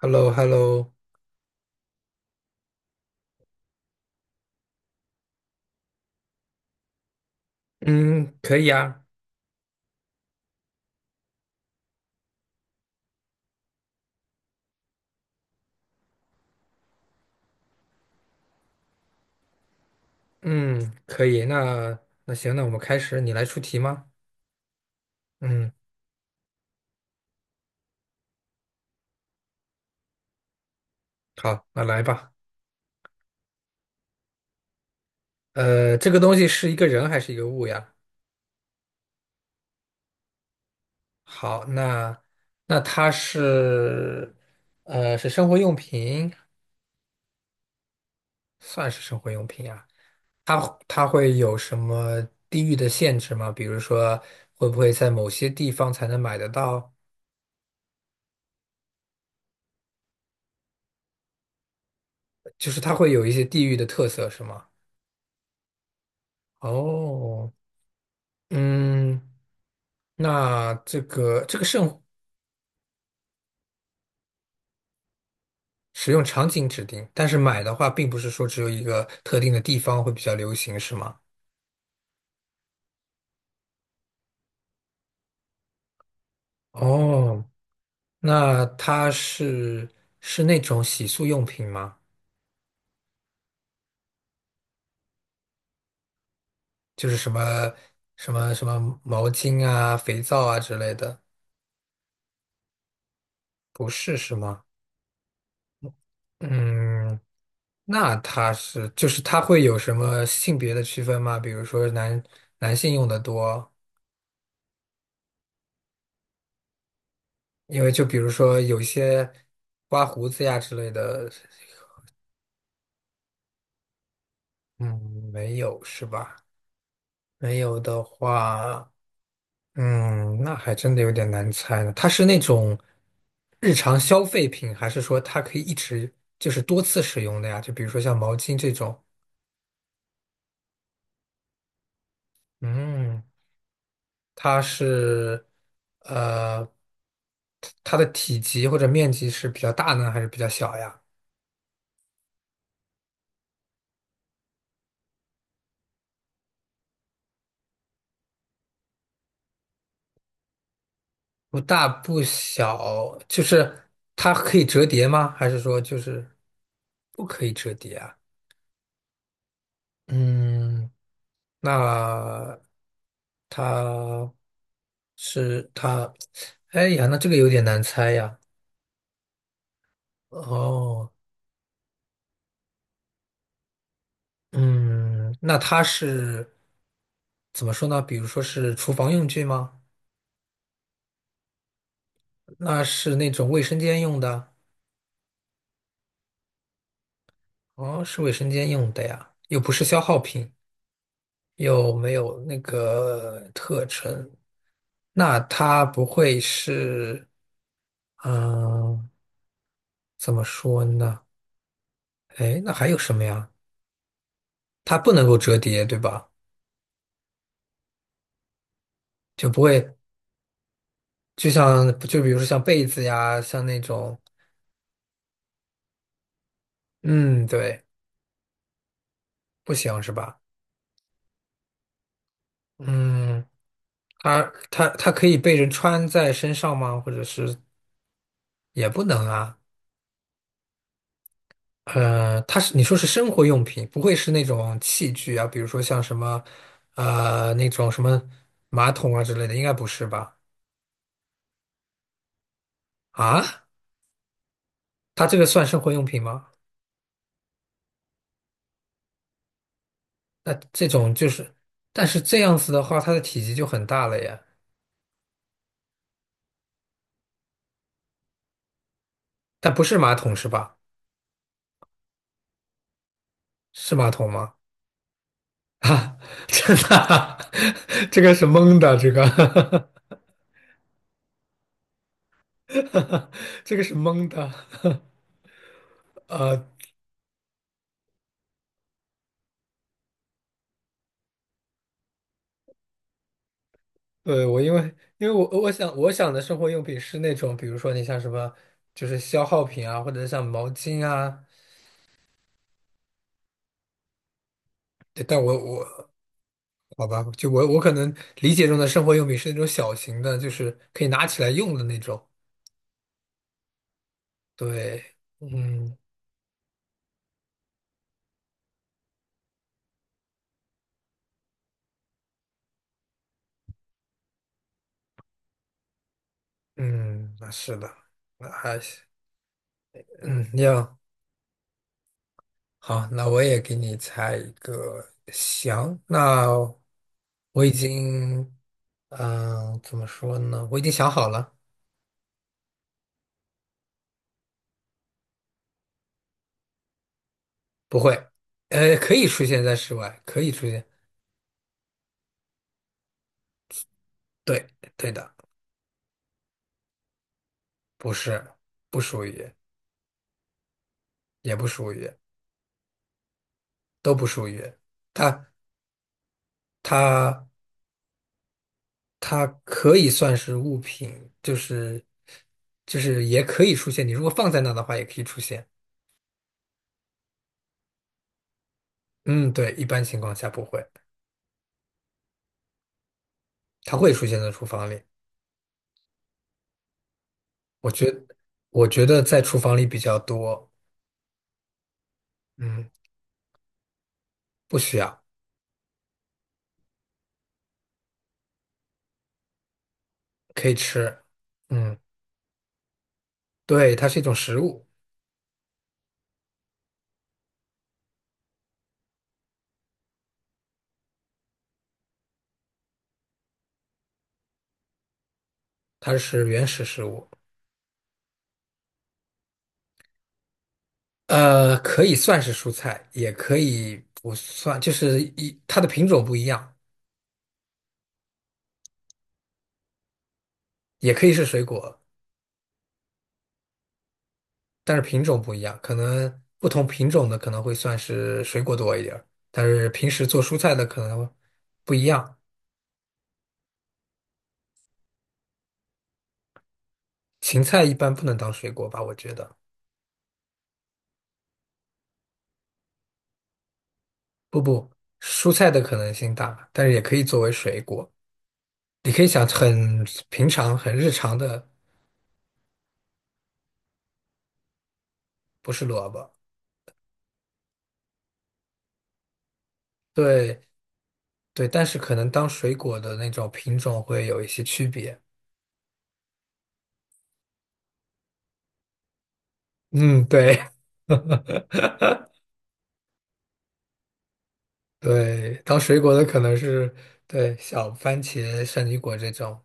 hello hello 嗯，可以啊。嗯，可以，那行，那我们开始，你来出题吗？嗯，好，那来吧。这个东西是一个人还是一个物呀？好，那它是生活用品，算是生活用品啊。它会有什么地域的限制吗？比如说，会不会在某些地方才能买得到？就是它会有一些地域的特色，是吗？哦。嗯。那这个这个剩使用场景指定，但是买的话，并不是说只有一个特定的地方会比较流行，是吗？哦，那它是那种洗漱用品吗？就是什么毛巾啊、肥皂啊之类的？不是，是吗？嗯，那就是它会有什么性别的区分吗？比如说男性用的多，因为就比如说有一些刮胡子呀之类的。嗯，没有是吧？没有的话，嗯，那还真的有点难猜呢。它是那种日常消费品，还是说它可以一直就是多次使用的呀？就比如说像毛巾这种，嗯，它是呃，它的体积或者面积是比较大呢，还是比较小呀？不大不小，就是它可以折叠吗？还是说就是不可以折叠啊？嗯。那它是它？哎呀，那这个有点难猜呀。哦，嗯，那怎么说呢？比如说是厨房用具吗？那是那种卫生间用的？哦，是卫生间用的呀，又不是消耗品，又没有那个特征。那它不会是，嗯、怎么说呢？哎，那还有什么呀？它不能够折叠，对吧？就不会，就比如说像被子呀，像那种，嗯，对，不行是吧？嗯，它它可以被人穿在身上吗？或者是也不能啊？你说是生活用品，不会是那种器具啊，比如说像什么那种什么马桶啊之类的，应该不是吧？啊，它这个算生活用品吗？那这种就是，但是这样子的话，它的体积就很大了呀。但不是马桶是吧？是马桶吗？啊，真的啊 这个是蒙的，这个是蒙的，啊，对，我因为因为我我想我想的生活用品是那种，比如说你像什么，就是消耗品啊，或者像毛巾啊。对，但我好吧，就我可能理解中的生活用品是那种小型的，就是可以拿起来用的那种。对。嗯嗯，那是的，那还行。嗯，一样。好，那我也给你猜一个。行，那我已经，嗯、怎么说呢？我已经想好了。不会，可以出现在室外，可以出现。对，对的。不是，不属于，也不属于，都不属于。它，它，它可以算是物品。就是也可以出现。你如果放在那的话，也可以出现。嗯，对，一般情况下不会，它会出现在厨房里。我觉我觉得在厨房里比较多。嗯，不需要。可以吃。嗯，对，它是一种食物。它是原始食物。可以算是蔬菜，也可以不算，就是它的品种不一样，也可以是水果，但是品种不一样，可能不同品种的可能会算是水果多一点儿，但是平时做蔬菜的可能不一样。芹菜一般不能当水果吧，我觉得。不不，蔬菜的可能性大，但是也可以作为水果。你可以想很平常、很日常的。不是萝卜。对对，但是可能当水果的那种品种会有一些区别。嗯，对。 对，当水果的可能是，对，小番茄、圣女果这种。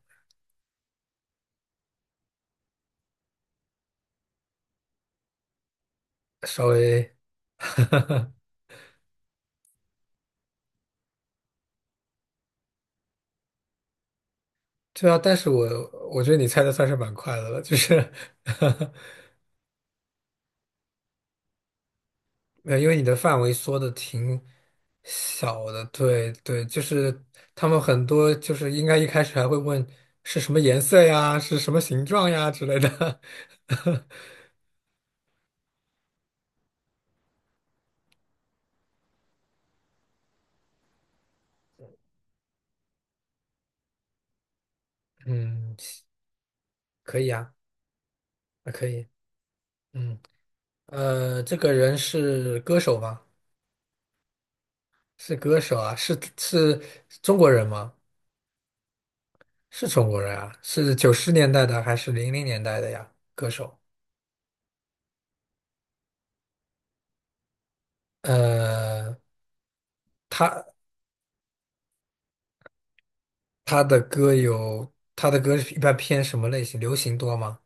稍微。对啊。但是我觉得你猜的算是蛮快的了，就是。 没有，因为你的范围缩的挺小的，对对，就是他们很多就是应该一开始还会问是什么颜色呀，是什么形状呀之类的。嗯，可以啊。啊，可以。嗯，这个人是歌手吗？是歌手啊，是中国人吗？是中国人啊，是90年代的还是00年代的呀？歌手。呃，他。他的歌一般偏什么类型？流行多吗？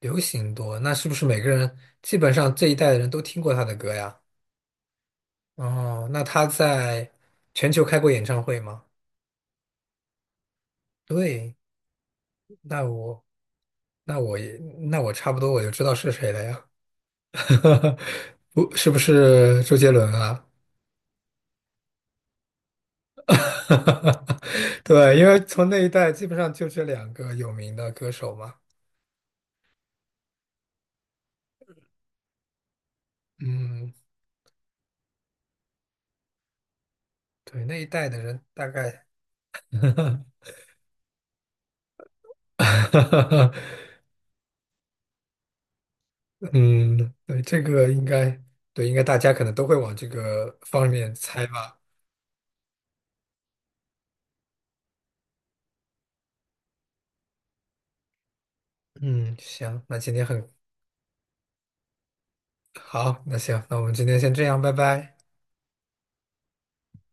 流行多，那是不是每个人基本上这一代的人都听过他的歌呀？哦，那他在全球开过演唱会吗？对，那我那我也那我差不多我就知道是谁了呀。不，是不是周杰伦啊？对，因为从那一代基本上就这两个有名的歌手嘛。嗯，对，那一代的人大概。嗯，对，这个应该，对，应该大家可能都会往这个方面猜吧。嗯，行，那今天很好，那行，那我们今天先这样，拜拜。